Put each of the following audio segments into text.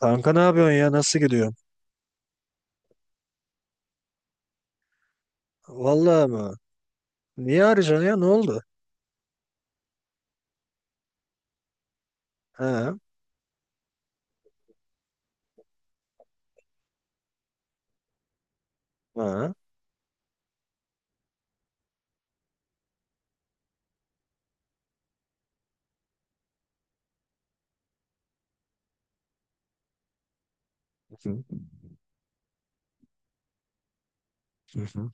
Kanka ne yapıyorsun ya? Nasıl gidiyor? Vallahi mı? Niye arayacaksın ya? Ne oldu? Ha? Ha? Hı hı. Hı.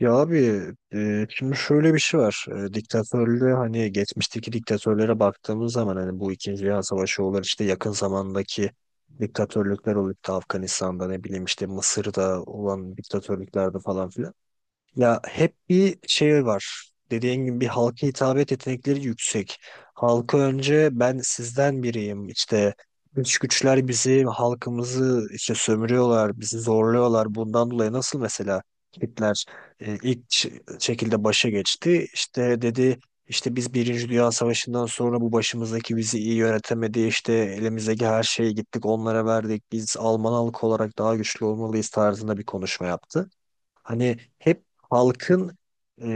Ya abi, şimdi şöyle bir şey var. Diktatörlüğe hani geçmişteki diktatörlere baktığımız zaman hani bu İkinci Dünya Savaşı olur, işte yakın zamandaki diktatörlükler olup da Afganistan'da, ne bileyim, işte Mısır'da olan diktatörlüklerde falan filan. Ya hep bir şey var. Dediğin gibi bir halka hitabet yetenekleri yüksek. Halka önce ben sizden biriyim. İşte dış güçler bizi, halkımızı işte sömürüyorlar, bizi zorluyorlar. Bundan dolayı nasıl, mesela Hitler, e, ilk ş- şekilde başa geçti. İşte dedi, işte biz Birinci Dünya Savaşı'ndan sonra bu başımızdaki bizi iyi yönetemedi. İşte elimizdeki her şeyi gittik onlara verdik. Biz Alman halkı olarak daha güçlü olmalıyız tarzında bir konuşma yaptı. Hani hep halkın e,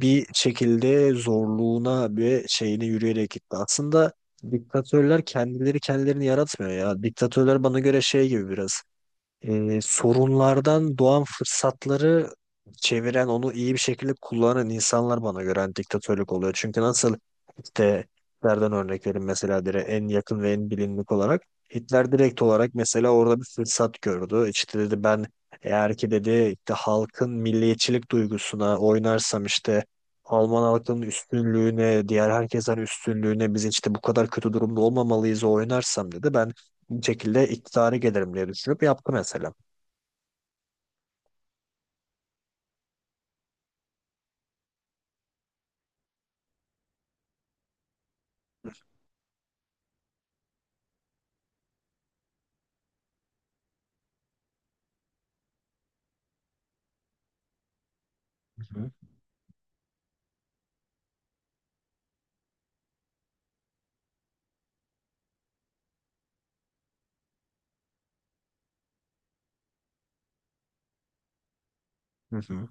bir şekilde zorluğuna ve şeyine yürüyerek gitti. Aslında diktatörler kendileri kendilerini yaratmıyor ya. Diktatörler bana göre şey gibi biraz, sorunlardan doğan fırsatları çeviren, onu iyi bir şekilde kullanan insanlar bana göre hani diktatörlük oluyor. Çünkü nasıl, işte Hitler'den örnek verin mesela, direkt en yakın ve en bilinlik olarak Hitler direkt olarak mesela orada bir fırsat gördü. İşte dedi ben, eğer ki dedi işte halkın milliyetçilik duygusuna oynarsam, işte Alman halkının üstünlüğüne, diğer herkesten üstünlüğüne, biz işte bu kadar kötü durumda olmamalıyız oynarsam dedi, ben bir şekilde iktidara gelirim diye düşünüp yaptı mesela. Hı hı. Hı hı.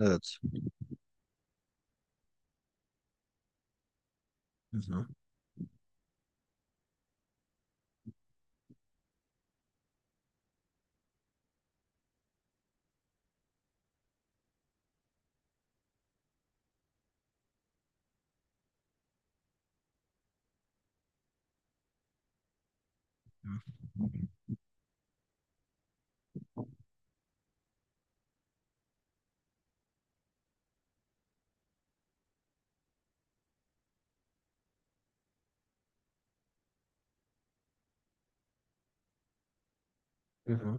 Evet. Hı hı. Hı hı.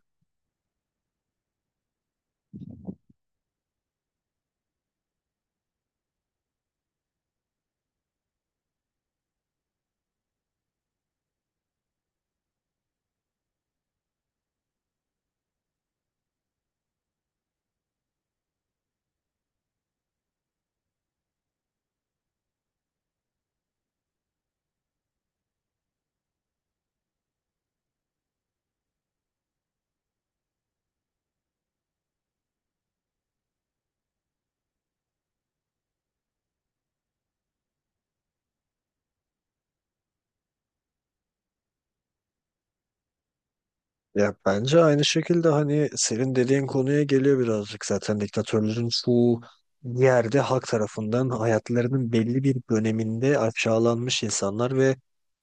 Ya bence aynı şekilde hani senin dediğin konuya geliyor birazcık, zaten diktatörlerin çoğu bir yerde halk tarafından hayatlarının belli bir döneminde aşağılanmış insanlar. Ve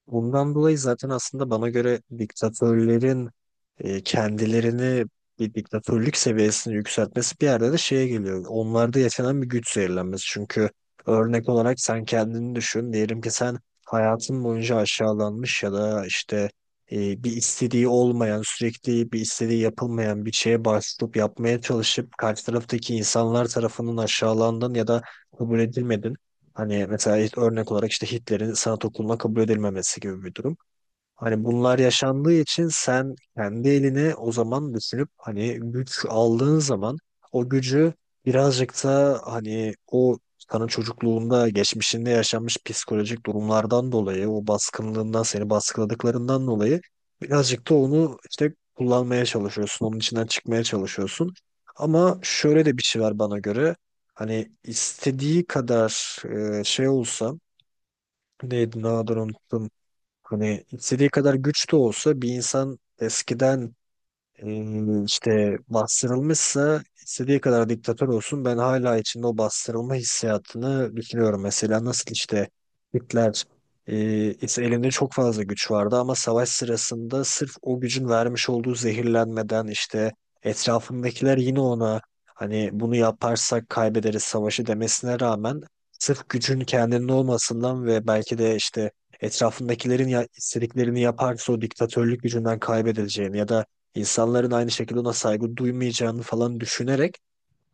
bundan dolayı zaten aslında bana göre diktatörlerin kendilerini, bir diktatörlük seviyesini yükseltmesi bir yerde de şeye geliyor. Onlarda yaşanan bir güç zehirlenmesi. Çünkü örnek olarak sen kendini düşün. Diyelim ki sen hayatın boyunca aşağılanmış ya da işte bir istediği olmayan, sürekli bir istediği yapılmayan, bir şeye başvurup yapmaya çalışıp karşı taraftaki insanlar tarafından aşağılandın ya da kabul edilmedin. Hani mesela örnek olarak işte Hitler'in sanat okuluna kabul edilmemesi gibi bir durum. Hani bunlar yaşandığı için sen kendi eline o zaman düşünüp, hani güç aldığın zaman o gücü, birazcık da hani o sana çocukluğunda, geçmişinde yaşanmış psikolojik durumlardan dolayı, o baskınlığından, seni baskıladıklarından dolayı birazcık da onu işte kullanmaya çalışıyorsun. Onun içinden çıkmaya çalışıyorsun. Ama şöyle de bir şey var bana göre. Hani istediği kadar şey olsa, neydi, ne adını unuttum, hani istediği kadar güç de olsa bir insan eskiden işte bastırılmışsa, istediği kadar diktatör olsun, ben hala içinde o bastırılma hissiyatını düşünüyorum. Mesela nasıl işte Hitler işte elinde çok fazla güç vardı ama savaş sırasında sırf o gücün vermiş olduğu zehirlenmeden, işte etrafındakiler yine ona, hani bunu yaparsak kaybederiz savaşı demesine rağmen, sırf gücün kendinin olmasından ve belki de işte etrafındakilerin istediklerini yaparsa o diktatörlük gücünden kaybedileceğini ya da insanların aynı şekilde ona saygı duymayacağını falan düşünerek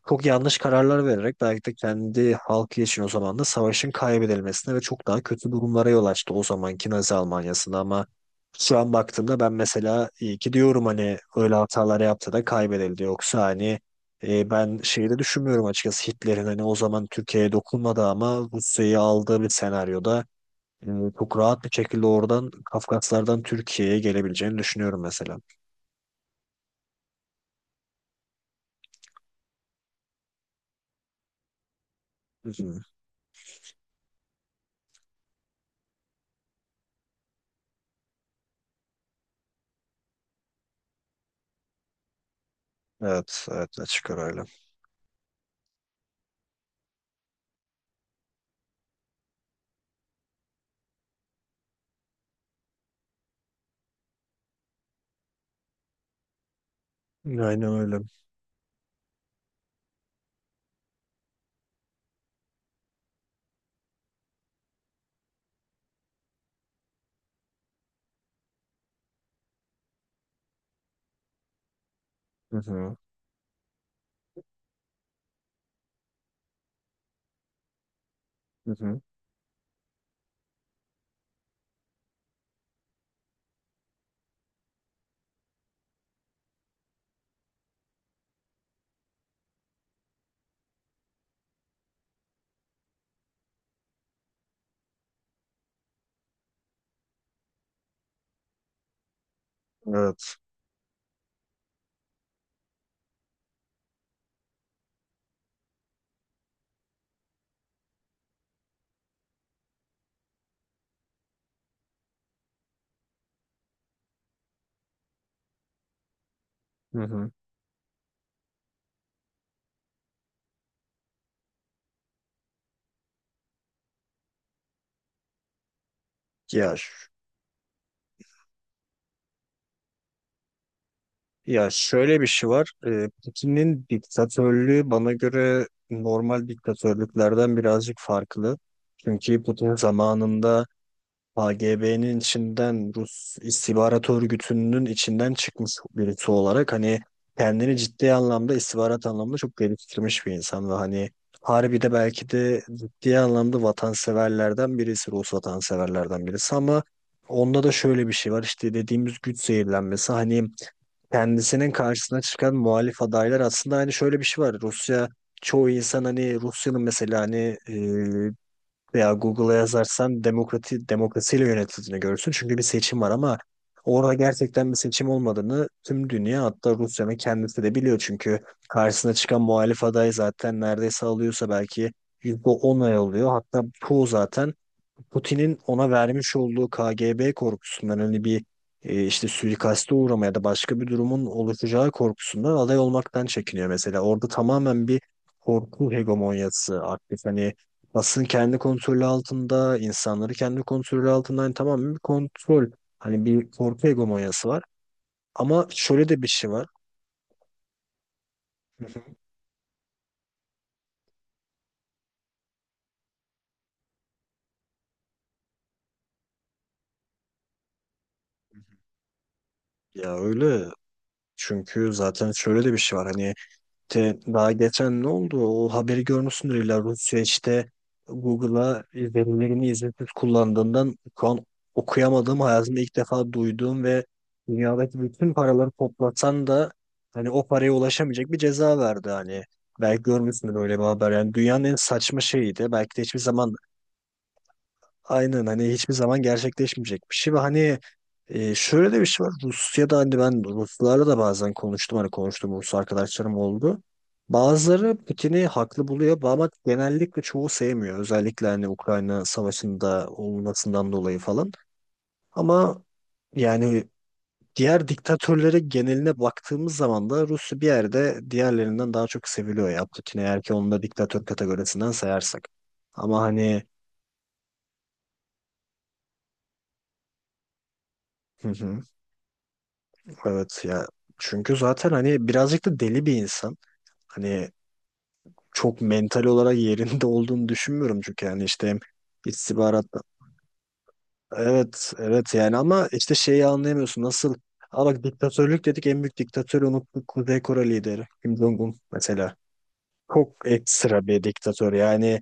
çok yanlış kararlar vererek, belki de kendi halkı için o zaman da savaşın kaybedilmesine ve çok daha kötü durumlara yol açtı o zamanki Nazi Almanya'sında. Ama şu an baktığımda ben mesela iyi ki diyorum, hani öyle hatalar yaptı da kaybedildi, yoksa hani ben şeyi de düşünmüyorum açıkçası, Hitler'in hani o zaman Türkiye'ye dokunmadı ama Rusya'yı aldığı bir senaryoda e, çok rahat bir şekilde oradan Kafkaslardan Türkiye'ye gelebileceğini düşünüyorum mesela. Hı hı. Evet, evet, açık arayla. Aynen öyle. Hı hı, hı hı. Evet. Hı hı. Ya, ş- Ya şöyle bir şey var. Putin'in diktatörlüğü bana göre normal diktatörlüklerden birazcık farklı. Çünkü Putin zamanında KGB'nin içinden, Rus istihbarat örgütünün içinden çıkmış birisi olarak hani kendini ciddi anlamda istihbarat anlamında çok geliştirmiş bir insan ve hani harbi de belki de ciddi anlamda vatanseverlerden birisi, Rus vatanseverlerden birisi. Ama onda da şöyle bir şey var, işte dediğimiz güç zehirlenmesi. Hani kendisinin karşısına çıkan muhalif adaylar, aslında hani şöyle bir şey var: Rusya, çoğu insan hani Rusya'nın, mesela hani veya Google'a yazarsan demokrati, demokrasiyle yönetildiğini görürsün. Çünkü bir seçim var, ama orada gerçekten bir seçim olmadığını tüm dünya, hatta Rusya'nın kendisi de biliyor. Çünkü karşısına çıkan muhalif aday zaten neredeyse, alıyorsa belki %10 oy alıyor. Hatta çoğu zaten Putin'in ona vermiş olduğu KGB korkusundan, hani bir işte suikaste uğramaya da başka bir durumun oluşacağı korkusundan aday olmaktan çekiniyor mesela. Orada tamamen bir korku hegemonyası aktif. Hani basın kendi kontrolü altında, insanları kendi kontrolü altında, hani tamamen bir kontrol, hani bir korku hegemonyası var. Ama şöyle de bir şey var. Hı hı. Ya öyle. Çünkü zaten şöyle de bir şey var. Hani işte daha geçen ne oldu? O haberi görmüşsündür illa. Rusya işte Google'a, verilerini izinsiz kullandığından şu an okuyamadığım, hayatımda ilk defa duyduğum ve dünyadaki bütün paraları toplasan da hani o paraya ulaşamayacak bir ceza verdi hani. Belki görmüşsündür öyle bir haber. Yani dünyanın en saçma şeyiydi. Belki de hiçbir zaman, aynen, hani hiçbir zaman gerçekleşmeyecek bir şey. Ve hani şöyle de bir şey var Rusya'da, hani ben Ruslarla da bazen konuştum, hani konuştum, Rus arkadaşlarım oldu. Bazıları Putin'i haklı buluyor ama genellikle çoğu sevmiyor. Özellikle hani Ukrayna savaşında olmasından dolayı falan. Ama yani diğer diktatörlere, geneline baktığımız zaman da Rusya bir yerde diğerlerinden daha çok seviliyor ya Putin, eğer ki onu da diktatör kategorisinden sayarsak. Ama hani evet ya, çünkü zaten hani birazcık da deli bir insan. Hani çok mental olarak yerinde olduğunu düşünmüyorum çünkü yani işte hem istihbarat, evet evet, yani ama işte şeyi anlayamıyorsun nasıl. Aa bak, diktatörlük dedik, en büyük diktatörü unuttuk: Kuzey Kore lideri Kim Jong-un mesela. Çok ekstra bir diktatör yani,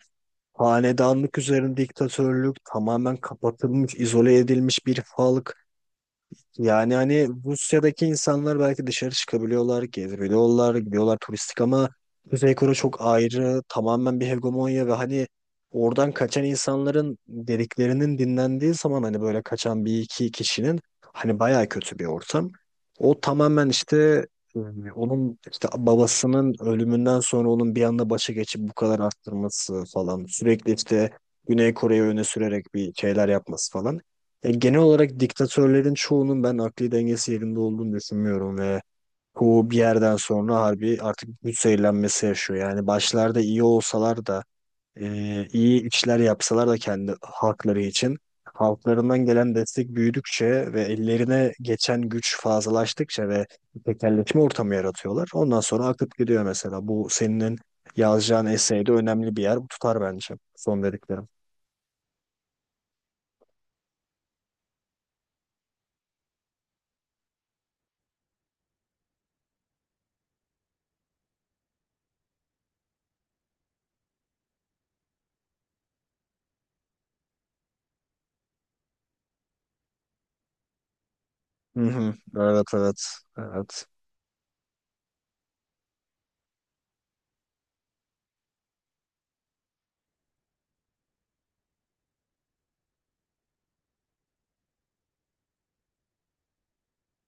hanedanlık üzerine diktatörlük, tamamen kapatılmış, izole edilmiş bir halk. Yani hani Rusya'daki insanlar belki dışarı çıkabiliyorlar, gezebiliyorlar, gidiyorlar turistik, ama Kuzey Kore çok ayrı, tamamen bir hegemonya. Ve hani oradan kaçan insanların dediklerinin dinlendiği zaman, hani böyle kaçan bir iki kişinin, hani bayağı kötü bir ortam. O tamamen işte e, onun işte babasının ölümünden sonra onun bir anda başa geçip bu kadar arttırması falan, sürekli işte Güney Kore'yi öne sürerek bir şeyler yapması falan. Ya genel olarak diktatörlerin çoğunun ben akli dengesi yerinde olduğunu düşünmüyorum ve bu bir yerden sonra harbi artık güç zehirlenmesi yaşıyor. Yani başlarda iyi olsalar da, iyi işler yapsalar da kendi halkları için, halklarından gelen destek büyüdükçe ve ellerine geçen güç fazlalaştıkça ve tekelleşme ortamı yaratıyorlar. Ondan sonra akıp gidiyor mesela. Bu senin yazacağın eseyde önemli bir yer. Bu tutar bence, son dediklerim. Hı hı. Evet evet. Evet.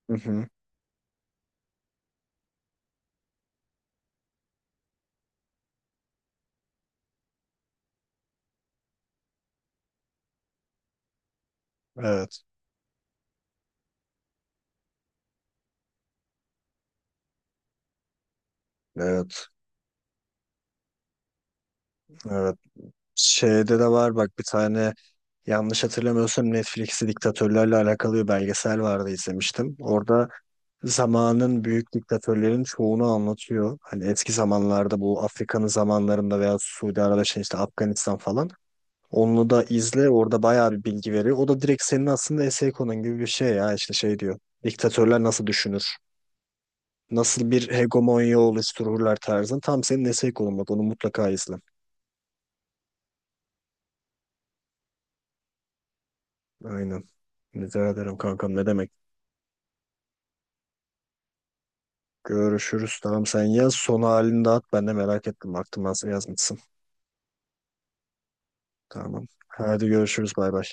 Hı hı. Evet, evet, evet. Şeyde de var bak, bir tane, yanlış hatırlamıyorsam Netflix'te diktatörlerle alakalı bir belgesel vardı, izlemiştim. Orada zamanın büyük diktatörlerin çoğunu anlatıyor. Hani eski zamanlarda, bu Afrika'nın zamanlarında veya Suudi Arabistan, işte Afganistan falan. Onu da izle, orada bayağı bir bilgi veriyor. O da direkt senin aslında essay konun gibi bir şey ya, işte şey diyor: diktatörler nasıl düşünür? Nasıl bir hegemonya oluştururlar tarzın. Tam senin essay konun, bak onu mutlaka izle. Aynen. Rica ederim kankam, ne demek. Görüşürüz. Tamam sen yaz. Son halini de at. Ben de merak ettim, baktım nasıl yazmışsın. Tamam. Hadi görüşürüz. Bay bay.